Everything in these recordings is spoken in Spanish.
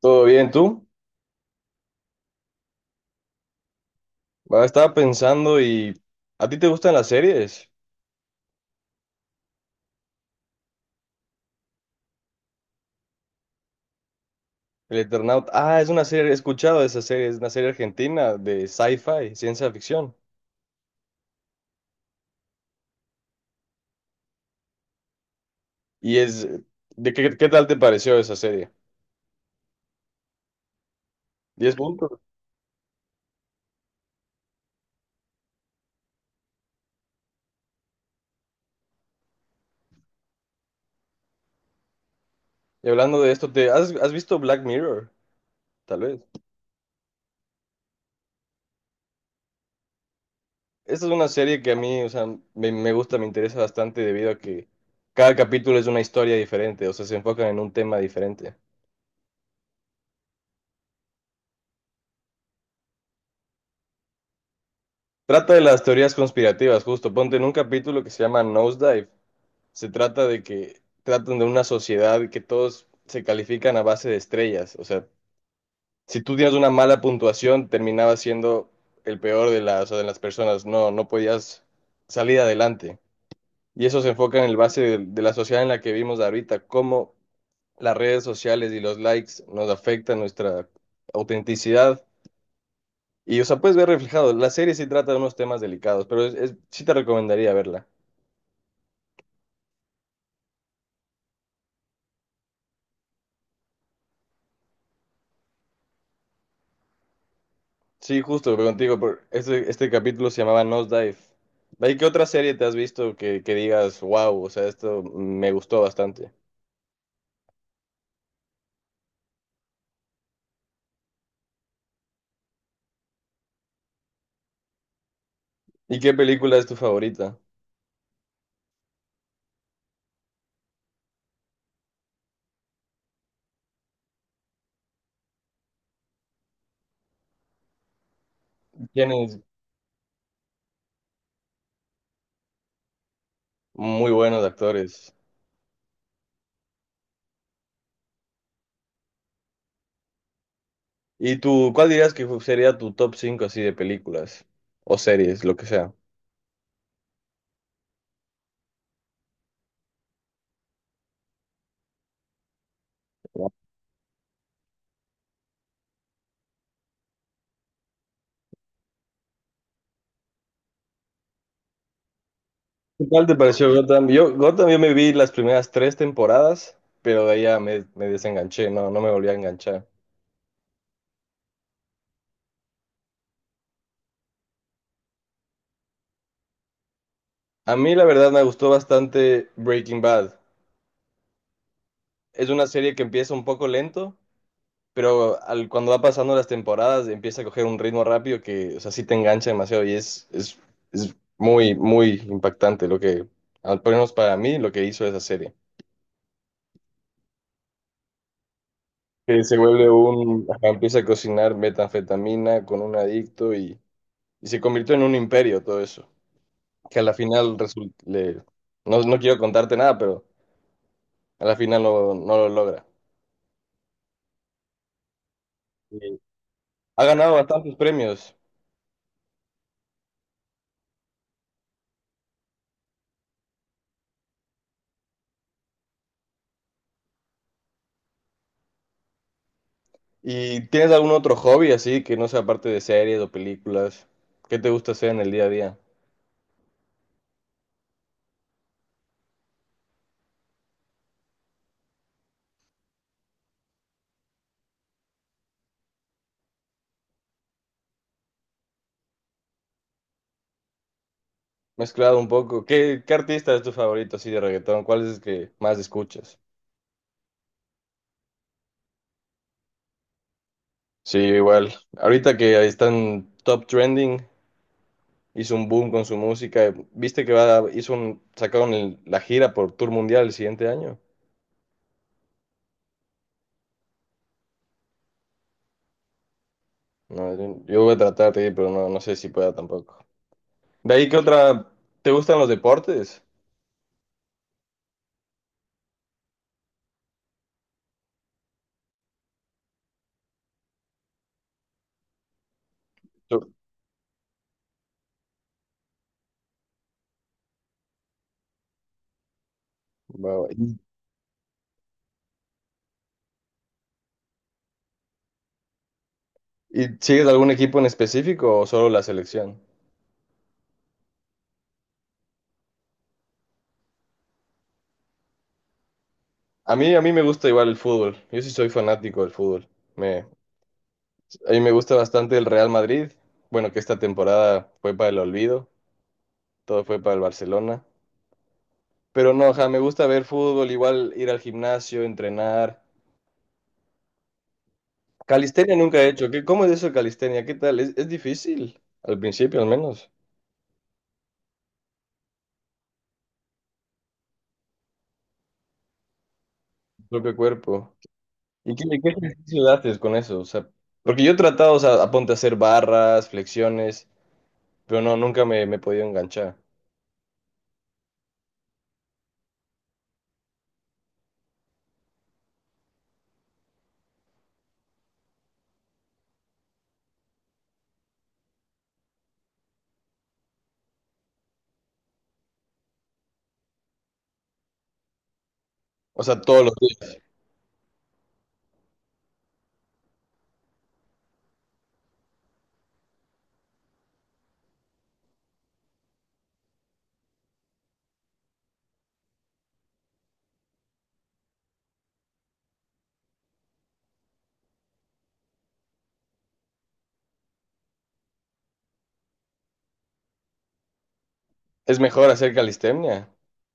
¿Todo bien tú? Ah, estaba pensando y ¿a ti te gustan las series? El Eternauta. Ah, es una serie, he escuchado de esa serie, es una serie argentina de sci-fi, ciencia ficción. Y es, qué tal te pareció esa serie? 10 puntos. Y hablando de esto, ¿has visto Black Mirror? Tal vez. Esta es una serie que a mí, o sea, me gusta, me interesa bastante debido a que cada capítulo es una historia diferente, o sea, se enfocan en un tema diferente. Trata de las teorías conspirativas, justo. Ponte en un capítulo que se llama Nosedive. Se trata de que tratan de una sociedad que todos se califican a base de estrellas. O sea, si tú tienes una mala puntuación, terminabas siendo el peor de las, o sea, de las personas. No, no podías salir adelante. Y eso se enfoca en el base de, la sociedad en la que vivimos ahorita, cómo las redes sociales y los likes nos afectan nuestra autenticidad. Y, o sea, puedes ver reflejado. La serie sí trata de unos temas delicados, pero sí te recomendaría verla. Sí, justo, pero contigo, por este capítulo se llamaba Nosedive. ¿De ahí qué otra serie te has visto que digas, wow, o sea, esto me gustó bastante? ¿Y qué película es tu favorita? Tienes muy buenos actores. ¿Y tú, cuál dirías que sería tu top 5 así de películas o series, lo que sea? ¿Qué tal te pareció Gotham? Yo, Gotham, yo me vi las primeras tres temporadas, pero de ahí ya me desenganché, no, no me volví a enganchar. A mí la verdad me gustó bastante Breaking Bad. Es una serie que empieza un poco lento, pero cuando va pasando las temporadas empieza a coger un ritmo rápido que, o sea, sí te engancha demasiado y es muy, muy impactante al menos para mí, lo que hizo esa serie. Que se vuelve un, ajá, empieza a cocinar metanfetamina con un adicto y se convirtió en un imperio todo eso. Que a la final resulta, no, no quiero contarte nada, pero a la final no, no lo logra. Y ha ganado bastantes premios. ¿Y tienes algún otro hobby así que no sea parte de series o películas? ¿Qué te gusta hacer en el día a día? Mezclado un poco. ¿Qué artista es tu favorito así de reggaetón? ¿Cuál es el que más escuchas? Sí, igual. Ahorita que ahí están top trending, hizo un boom con su música. ¿Viste que sacaron la gira por tour mundial el siguiente año? No, yo voy a tratar de ir, pero no, no sé si pueda tampoco. ¿De ahí qué otra? ¿Te gustan los deportes? Yo- va, va. ¿Y sigues algún equipo en específico o solo la selección? A mí me gusta igual el fútbol. Yo sí soy fanático del fútbol. Me, a mí me gusta bastante el Real Madrid. Bueno, que esta temporada fue para el olvido, todo fue para el Barcelona. Pero no, ajá, me gusta ver fútbol, igual ir al gimnasio, entrenar. Calistenia nunca he hecho. ¿Cómo es eso de calistenia? ¿Qué tal? Es difícil, al principio al menos, tu propio cuerpo. ¿Y qué ejercicio haces con eso? O sea, porque yo he tratado, o sea, aponte a hacer barras, flexiones. Pero no, nunca me he podido enganchar. O sea, todos los días. Es mejor hacer calistenia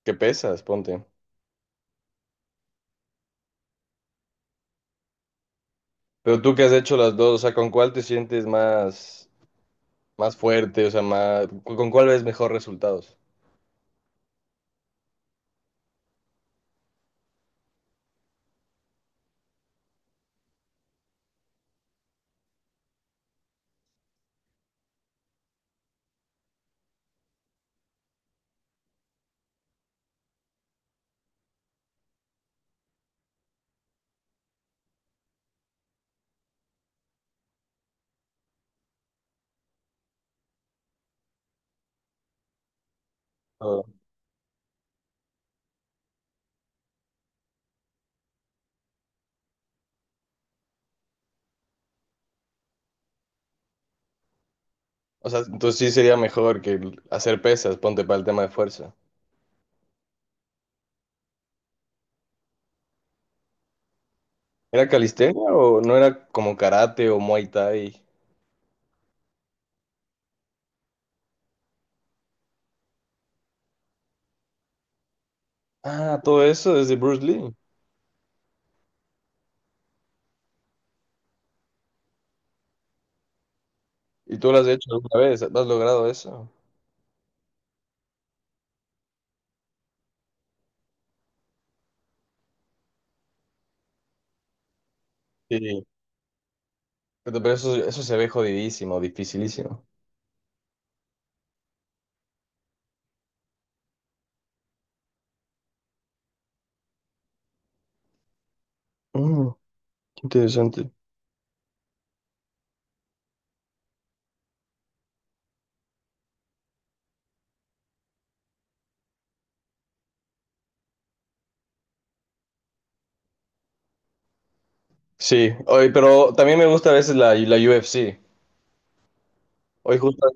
que pesas, ponte. Pero tú que has hecho las dos, o sea, ¿con cuál te sientes más fuerte? O sea, ¿con cuál ves mejor resultados? O o sea, entonces sí sería mejor que hacer pesas, ponte para el tema de fuerza. ¿Era calistenia o no era como karate o muay thai? Ah, todo eso desde Bruce Lee. ¿Y tú lo has hecho alguna vez? ¿Has logrado eso? Sí. Pero eso se ve jodidísimo, dificilísimo. Mm. Interesante. Sí, hoy, pero también me gusta a veces la UFC. Hoy justo,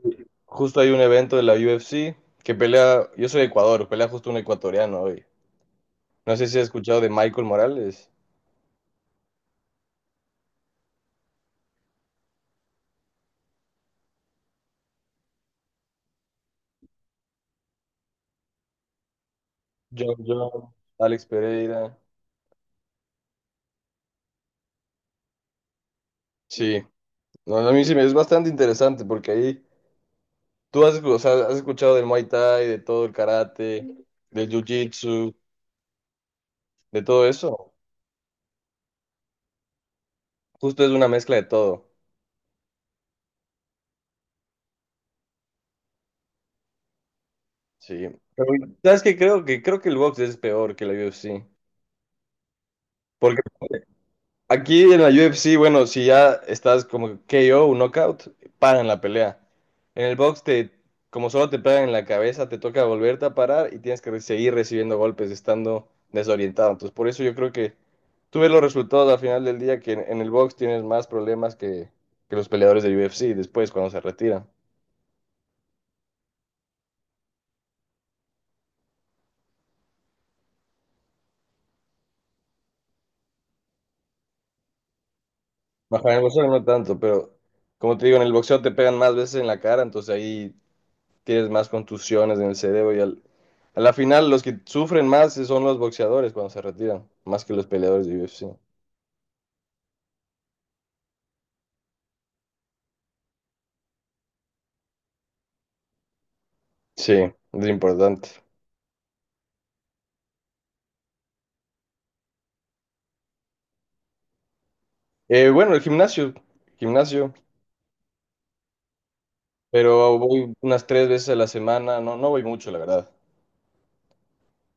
justo hay un evento de la UFC que pelea, yo soy de Ecuador, pelea justo un ecuatoriano hoy. No sé si has escuchado de Michael Morales, John Alex Pereira. Sí, no, a mí sí me es bastante interesante porque ahí tú o sea, has escuchado del Muay Thai, de todo el karate, del Jiu-Jitsu, de todo eso. Justo es una mezcla de todo. Sí. Pero, ¿sabes qué? Creo que el box es peor que la UFC. Aquí en la UFC, bueno, si ya estás como KO, un knockout, paran la pelea. En el box como solo te pegan en la cabeza, te toca volverte a parar y tienes que seguir recibiendo golpes estando desorientado. Entonces, por eso yo creo que tú ves los resultados al final del día que en, el box tienes más problemas que los peleadores de UFC después cuando se retiran. Bajo en el boxeo no tanto, pero como te digo, en el boxeo te pegan más veces en la cara, entonces ahí tienes más contusiones en el cerebro y a la final los que sufren más son los boxeadores cuando se retiran, más que los peleadores de UFC. Sí, es importante. Bueno, el gimnasio, gimnasio, pero voy unas tres veces a la semana, no, no voy mucho, la verdad.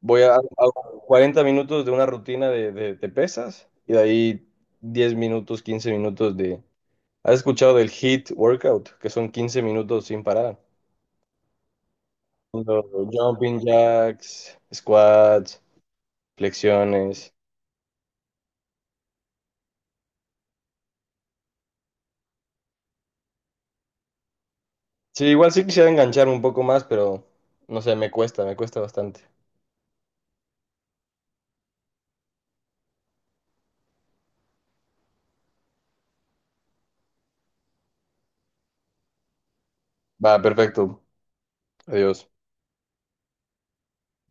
Hago 40 minutos de una rutina de, de pesas y de ahí 10 minutos, 15 minutos de... ¿Has escuchado del HIIT workout? Que son 15 minutos sin parar. Haciendo Jumping jacks, squats, flexiones. Sí, igual sí quisiera enganchar un poco más, pero no sé, me cuesta bastante. Va, perfecto. Adiós.